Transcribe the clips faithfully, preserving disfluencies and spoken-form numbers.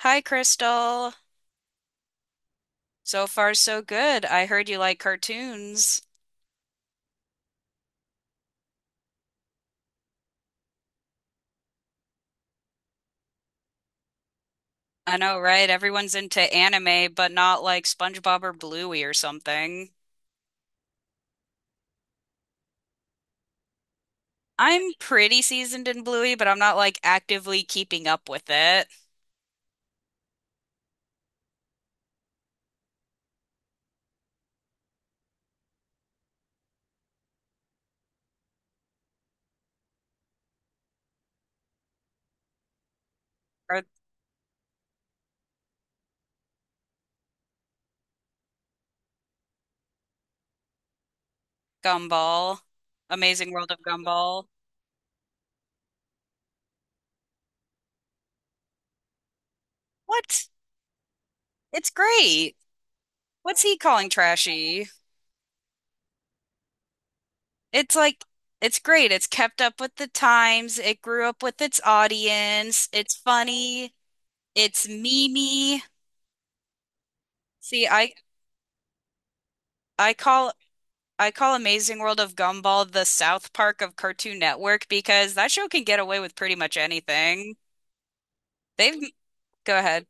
Hi, Crystal. So far, so good. I heard you like cartoons. I know, right? Everyone's into anime, but not like SpongeBob or Bluey or something. I'm pretty seasoned in Bluey, but I'm not like actively keeping up with it. Or Gumball. Amazing World of Gumball. What? It's great. What's he calling trashy? It's like, it's great. It's kept up with the times. It grew up with its audience. It's funny. It's memey. See, I I call I call Amazing World of Gumball the South Park of Cartoon Network because that show can get away with pretty much anything. They've go ahead.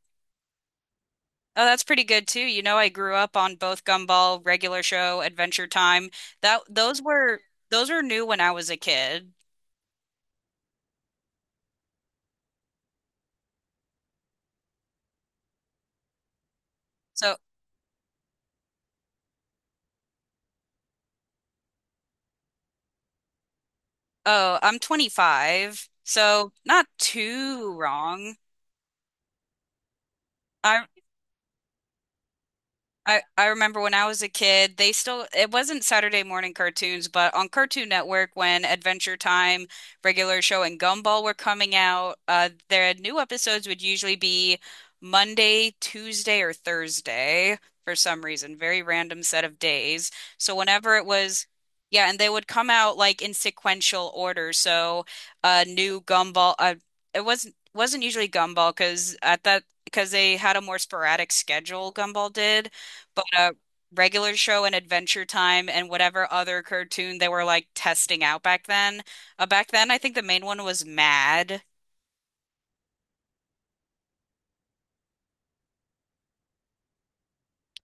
Oh, that's pretty good too. You know, I grew up on both Gumball, regular show, Adventure Time. That those were those were new when I was a kid. So, oh, I'm twenty-five, so not too wrong. I I, I remember when I was a kid, they still, it wasn't Saturday morning cartoons, but on Cartoon Network when Adventure Time, Regular Show, and Gumball were coming out, uh, their new episodes would usually be Monday, Tuesday, or Thursday for some reason, very random set of days. So whenever it was, yeah, and they would come out like in sequential order. So uh, new Gumball, uh, it wasn't wasn't usually Gumball because at that because they had a more sporadic schedule, Gumball did but uh, regular show and Adventure Time and whatever other cartoon they were like testing out back then. Uh, back then, I think the main one was Mad.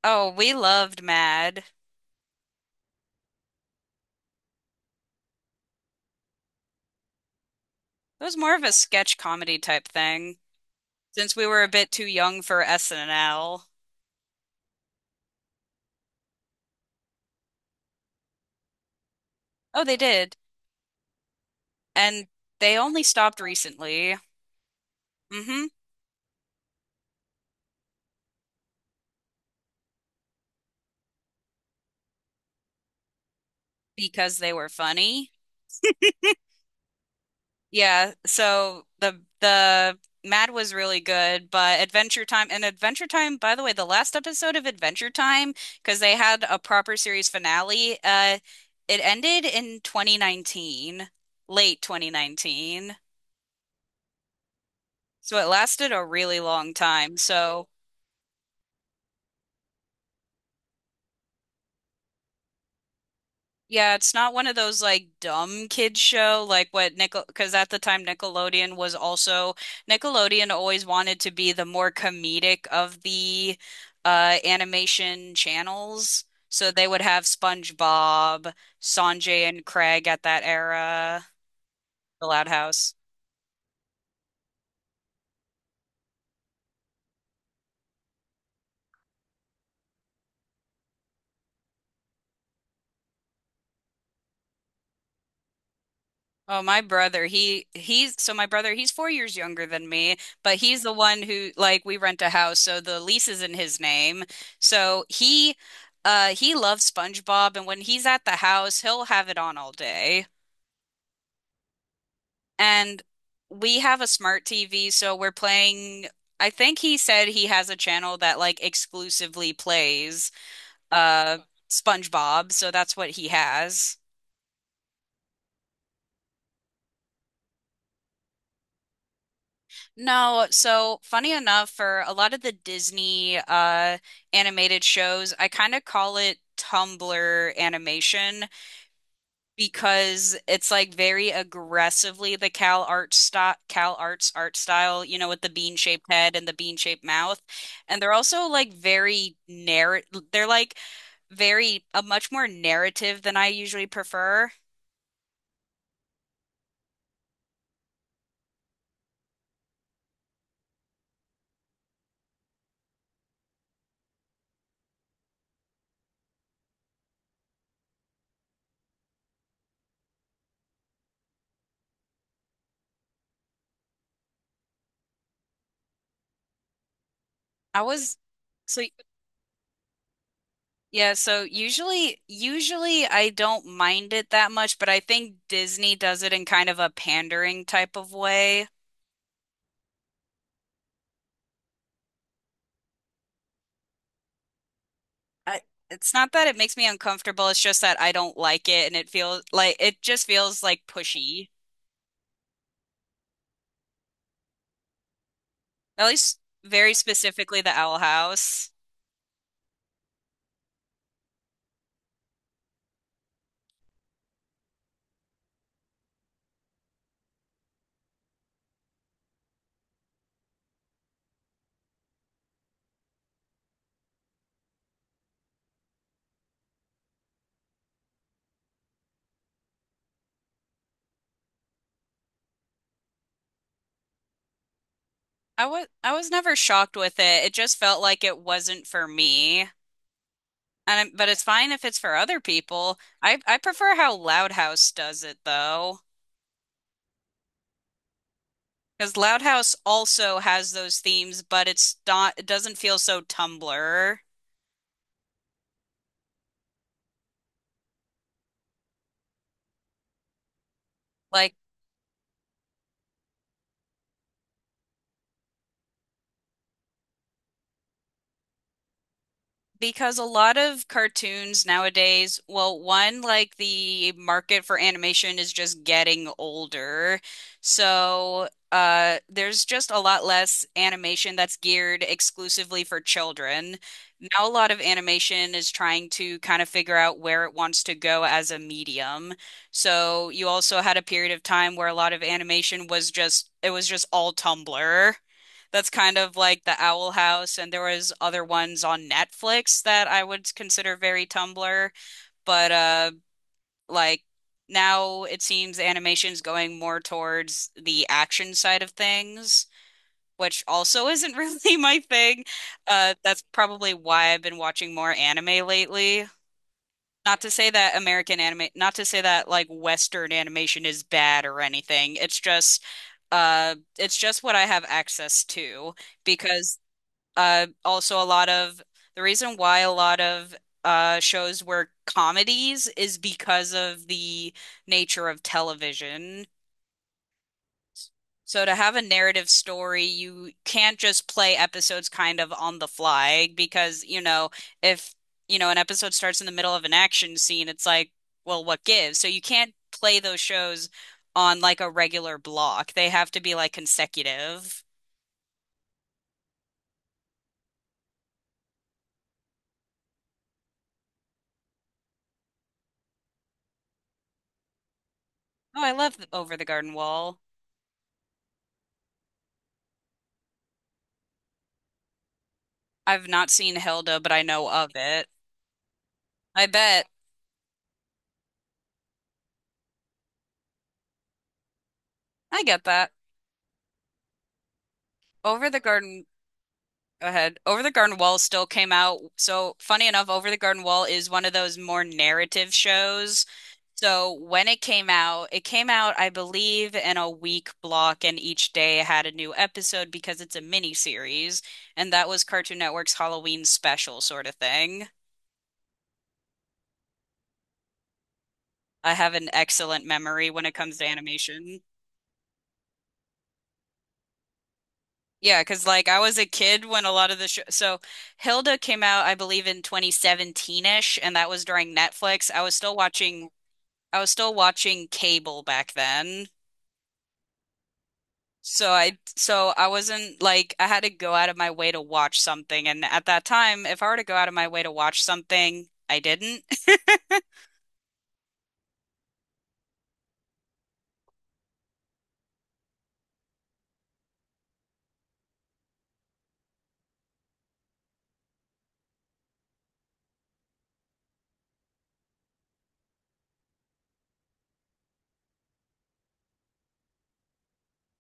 Oh, we loved Mad. It was more of a sketch comedy type thing since we were a bit too young for S N L. Oh, they did. And they only stopped recently. hmm Because they were funny. Yeah, so the the Mad was really good, but Adventure Time and Adventure Time, by the way, the last episode of Adventure Time, because they had a proper series finale, uh, it ended in twenty nineteen, late twenty nineteen. So it lasted a really long time. So yeah, it's not one of those like dumb kids show like what Nickel because at the time Nickelodeon was also Nickelodeon always wanted to be the more comedic of the uh animation channels. So they would have SpongeBob, Sanjay and Craig at that era, The Loud House. Oh, my brother, he he's so my brother, he's four years younger than me, but he's the one who like we rent a house, so the lease is in his name. So he uh he loves SpongeBob and when he's at the house, he'll have it on all day. And we have a smart T V, so we're playing I think he said he has a channel that like exclusively plays uh SpongeBob, so that's what he has. No, so funny enough, for a lot of the Disney uh animated shows, I kind of call it Tumblr animation because it's like very aggressively the Cal Arts style, Cal Arts art style, you know, with the bean-shaped head and the bean-shaped mouth. And they're also like very narr they're like very a much more narrative than I usually prefer. I was so Yeah, so usually usually I don't mind it that much, but I think Disney does it in kind of a pandering type of way. I, it's not that it makes me uncomfortable, it's just that I don't like it and it feels like it just feels like pushy. At least very specifically the Owl House. I was I was never shocked with it. It just felt like it wasn't for me. And I- but it's fine if it's for other people. I I prefer how Loud House does it though. Because Loud House also has those themes, but it's not, it doesn't feel so Tumblr. Like Because a lot of cartoons nowadays, well, one, like the market for animation is just getting older. So, uh, there's just a lot less animation that's geared exclusively for children. Now, a lot of animation is trying to kind of figure out where it wants to go as a medium. So, you also had a period of time where a lot of animation was just, it was just all Tumblr. That's kind of like the Owl House, and there was other ones on Netflix that I would consider very Tumblr, but uh like now it seems animation's going more towards the action side of things, which also isn't really my thing. Uh that's probably why I've been watching more anime lately. Not to say that American anime, not to say that like Western animation is bad or anything. It's just uh it's just what I have access to because uh, also, a lot of the reason why a lot of uh, shows were comedies is because of the nature of television. So, to have a narrative story, you can't just play episodes kind of on the fly because, you know, if, you know, an episode starts in the middle of an action scene, it's like, well, what gives? So, you can't play those shows on like a regular block. They have to be like consecutive. Oh, I love Over the Garden Wall. I've not seen Hilda, but I know of it. I bet. I get that. Over the Garden, go ahead. Over the Garden Wall still came out. So, funny enough, Over the Garden Wall is one of those more narrative shows. So, when it came out, it came out, I believe, in a week block, and each day had a new episode because it's a mini series, and that was Cartoon Network's Halloween special sort of thing. I have an excellent memory when it comes to animation. Yeah, because like I was a kid when a lot of the show. So Hilda came out, I believe, in twenty seventeen-ish, and that was during Netflix. I was still watching. I was still watching cable back then. So I, so I wasn't like I had to go out of my way to watch something, and at that time, if I were to go out of my way to watch something, I didn't.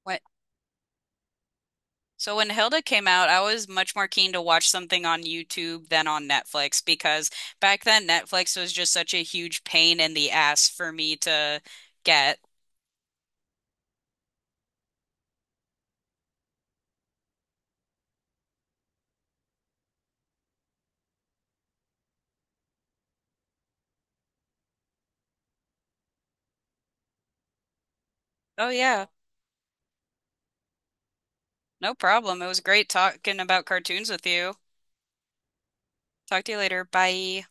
So when Hilda came out, I was much more keen to watch something on YouTube than on Netflix because back then Netflix was just such a huge pain in the ass for me to get. Oh yeah, no problem. It was great talking about cartoons with you. Talk to you later. Bye.